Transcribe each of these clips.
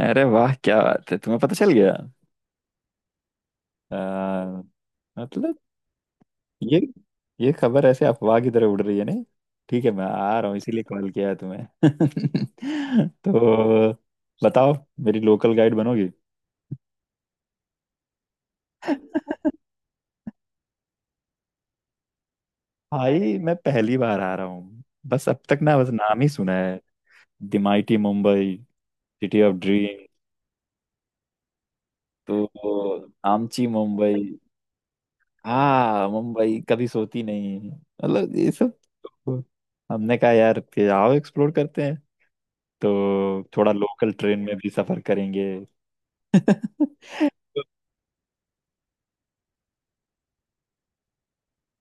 अरे वाह, क्या बात है! तुम्हें पता चल गया। आ, मतलब, ये ये खबर ऐसे अफवाह की तरह उड़ रही है नहीं? ठीक है, मैं आ रहा हूँ इसीलिए कॉल किया है तुम्हें। तो बताओ, मेरी लोकल गाइड बनोगी? भाई, मैं पहली बार आ रहा हूँ, बस अब तक ना बस नाम ही सुना है। The mighty Mumbai, city of dream. तो आमची मुंबई। हाँ मुंबई कभी सोती नहीं, मतलब ये सब। हमने कहा यार कि आओ एक्सप्लोर करते हैं, तो थोड़ा लोकल ट्रेन में भी सफर करेंगे।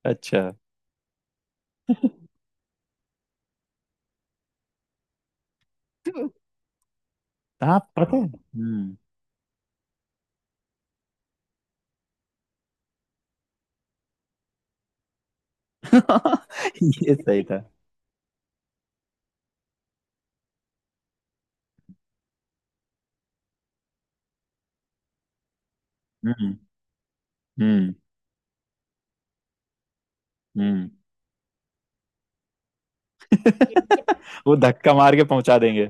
अच्छा। तो आप पता है। हम्म। ये सही था। हम्म, हम्म, हम्म। वो धक्का मार के पहुंचा देंगे।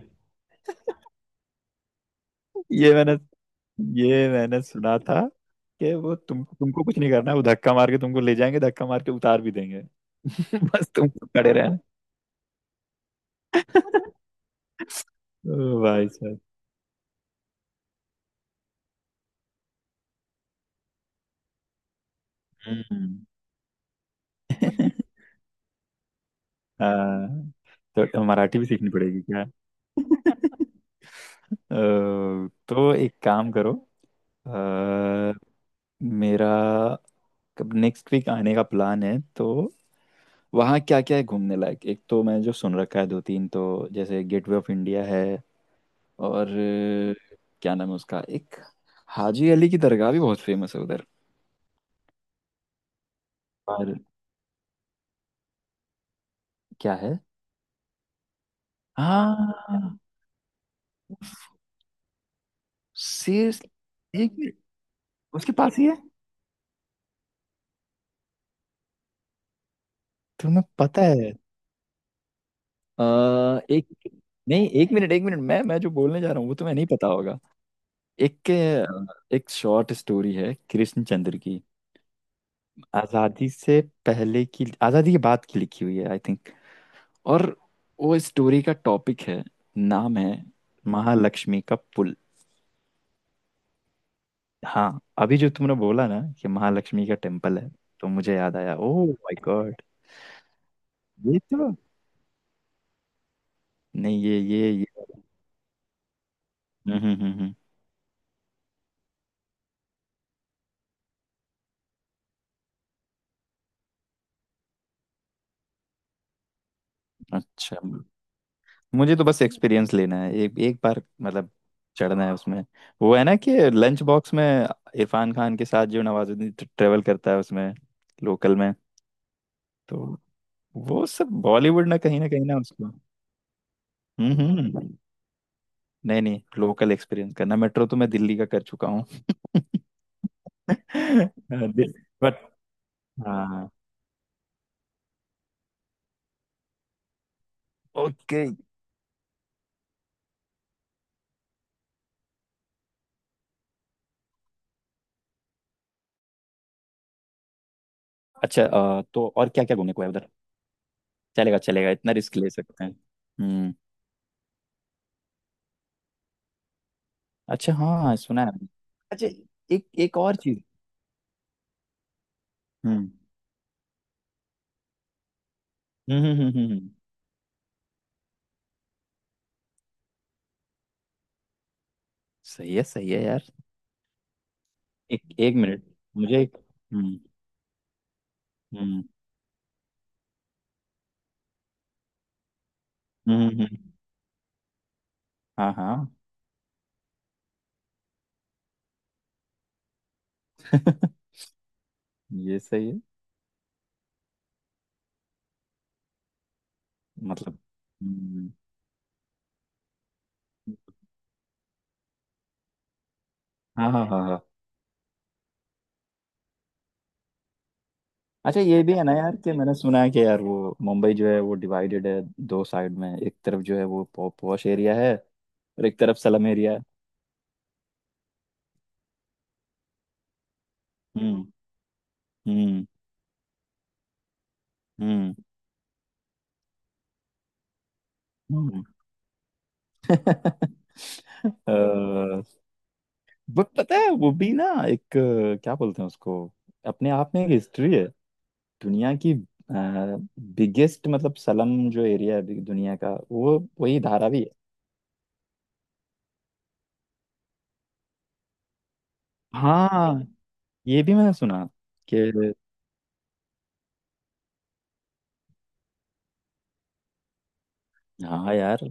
ये मैंने ये मैंने सुना था कि वो तुमको कुछ नहीं करना है, वो धक्का मार के तुमको ले जाएंगे, धक्का मार के उतार भी देंगे। बस तुमको खड़े रहना। ओ भाई साहब। हम्म। हाँ, तो मराठी भी सीखनी पड़ेगी क्या? अ, तो एक काम करो। अ, मेरा नेक्स्ट वीक आने का प्लान है, तो वहाँ क्या क्या है घूमने लायक? एक तो मैंने जो सुन रखा है दो तीन, तो जैसे गेटवे ऑफ इंडिया है, और क्या नाम है उसका, एक हाजी अली की दरगाह भी बहुत फेमस है उधर। पर क्या है? हाँ, सीरियसली? एक मिनट, उसके पास ही है? तुम्हें पता है? अ, एक, नहीं, एक मिनट, एक मिनट, मैं जो बोलने जा रहा हूँ वो तुम्हें नहीं पता होगा। एक एक शॉर्ट स्टोरी है कृष्णचंद्र की, आज़ादी से पहले की, आज़ादी के बाद की लिखी हुई है आई थिंक। और वो स्टोरी का टॉपिक है, नाम है, महालक्ष्मी का पुल। हाँ, अभी जो तुमने बोला ना कि महालक्ष्मी का टेम्पल है, तो मुझे याद आया, ओह माय गॉड। ये तो, नहीं, ये। हम्म, हम्म, हम्म, अच्छा, मुझे तो बस एक्सपीरियंस लेना है एक एक बार, मतलब चढ़ना है उसमें। वो है ना कि लंच बॉक्स में इरफान खान के साथ जो नवाजुद्दीन ट्रेवल करता है उसमें, लोकल में। तो वो सब बॉलीवुड, ना कहीं ना कहीं ना, उसको। हम्म, हम्म। नहीं नहीं, लोकल एक्सपीरियंस करना, मेट्रो तो मैं दिल्ली का कर चुका हूँ। बट हाँ। ओके। अच्छा, तो और क्या क्या घूमने को है उधर? चलेगा चलेगा, इतना रिस्क ले सकते हैं। हम्म। अच्छा, हाँ, सुना है मैंने। अच्छा, एक एक और चीज। हम्म, हम्म, हम्म, सही है, सही है यार। एक एक मिनट, मुझे एक। हम्म, हम्म, हम्म, हाँ हाँ। ये सही है, मतलब। हम्म, हाँ हाँ हाँ हाँ। अच्छा, ये भी है ना यार, कि मैंने सुना है कि यार वो मुंबई जो है वो डिवाइडेड है दो साइड में, एक तरफ जो है वो पॉश एरिया है, और एक तरफ स्लम एरिया है। हम्म, हम्म, हम्म, हम्म। अ, बट पता है वो भी ना, एक क्या बोलते हैं उसको, अपने आप में एक हिस्ट्री है। दुनिया की बिगेस्ट, मतलब सलम जो एरिया है अभी दुनिया का, वो वही धारावी है। हाँ, ये भी मैंने सुना कि, हाँ यार।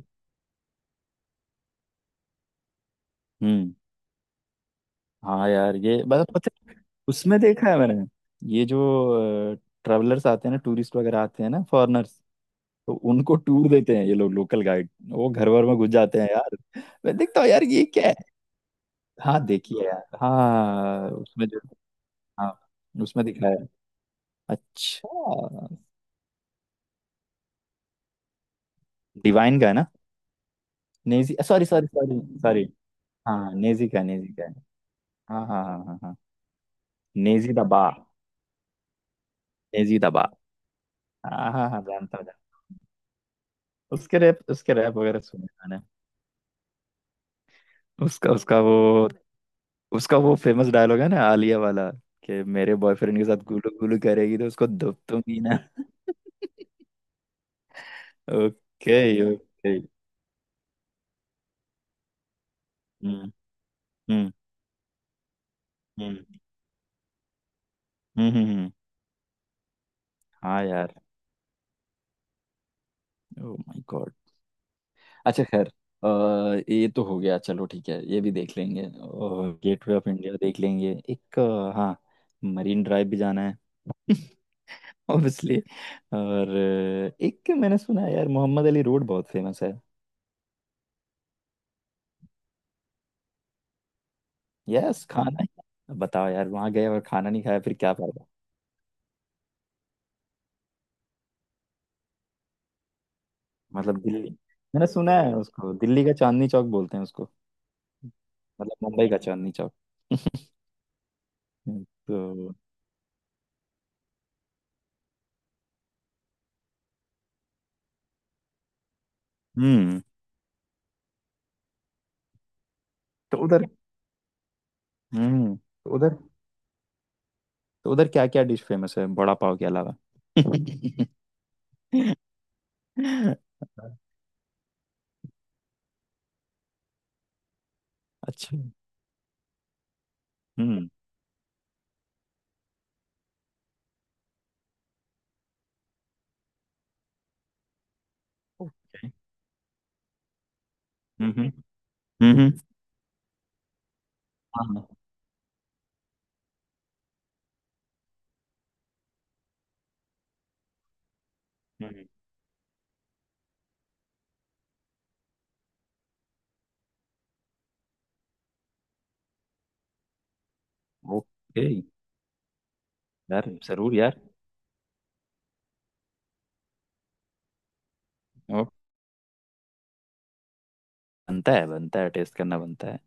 हम्म। हाँ यार, ये मतलब पता है, उसमें देखा है मैंने, ये जो ट्रेवलर्स आते हैं ना, टूरिस्ट वगैरह आते हैं ना, फॉरेनर्स, तो उनको टूर देते हैं ये लोग, लोकल गाइड, वो घर भर में घुस जाते हैं यार। मैं देखता हूँ यार, ये क्या? हाँ, देखिए यार, हाँ उसमें जो, हाँ उसमें दिखाया है। अच्छा, डिवाइन का है ना? नेजी, सॉरी, सॉरी, सॉरी, सॉरी। हाँ, नेजी का है। हाँ हाँ हाँ हाँ हाँ, नेजी दबा, नेजी दबा। हाँ हाँ हाँ, जानता हूँ, जानता हूँ। उसके रैप वगैरह सुने मैंने। उसका उसका वो फेमस डायलॉग है ना, आलिया वाला, कि मेरे बॉयफ्रेंड के साथ गुलू गुलू करेगी तो उसको दुब दूंगी ना। Okay, okay. हम्म, हम्म, हम्म, हम्म, हाँ यार, ओ माय गॉड। अच्छा, खैर, अ, ये तो हो गया। चलो ठीक है, ये भी देख लेंगे और गेटवे ऑफ इंडिया देख लेंगे, एक हाँ, मरीन ड्राइव भी जाना है। ऑब्वियसली। और एक मैंने सुना है यार, मोहम्मद अली रोड बहुत फेमस है। यस, खाना ही बताओ यार, वहाँ गए और खाना नहीं खाया फिर क्या फायदा? मतलब दिल्ली, मैंने सुना है उसको दिल्ली का चांदनी चौक बोलते हैं उसको, मतलब मुंबई का चांदनी चौक। तो हम्म, तो उधर हम्म तो उधर तो उधर क्या क्या डिश फेमस है बड़ा पाव के अलावा? अच्छा। हम्म। ओके। हम्म, हम्म, हम्म, हाँ, हम्म, ओके। यार जरूर यार। ओ, बनता है, बनता है, टेस्ट करना बनता है।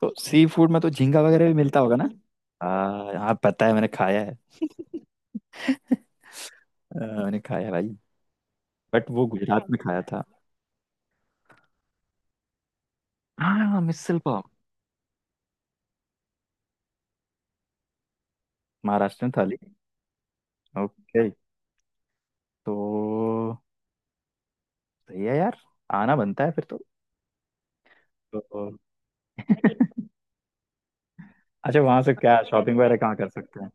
तो सी फूड में तो झींगा वगैरह भी मिलता होगा ना? हाँ हाँ, पता है, मैंने खाया है। मैंने खाया है भाई, बट वो गुजरात में खाया था। हाँ, मिसल पाव, महाराष्ट्र थाली, ओके। तो सही है यार, आना बनता है फिर तो। तो अच्छा, वहां से क्या शॉपिंग वगैरह कहाँ कर सकते हैं?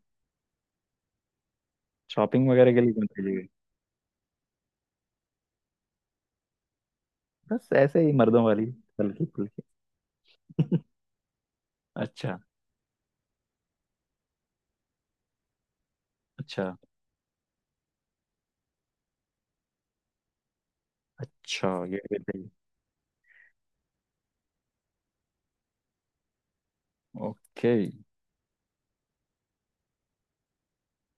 शॉपिंग वगैरह के लिए कौन सी जगह? बस ऐसे ही, मर्दों वाली, हल्की फुल्की। अच्छा, अच्छा, अच्छा, ये भी सही। ओके।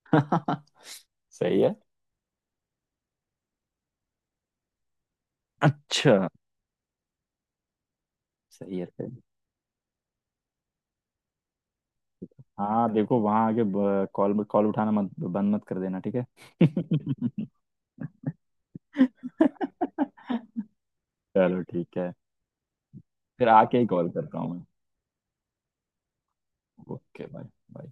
सही है। अच्छा, सही है, सही है। हाँ देखो, वहां आके कॉल, उठाना मत, बंद मत कर देना, ठीक है? चलो ठीक है, फिर आके ही कॉल करता हूँ मैं। Okay bye. बाय।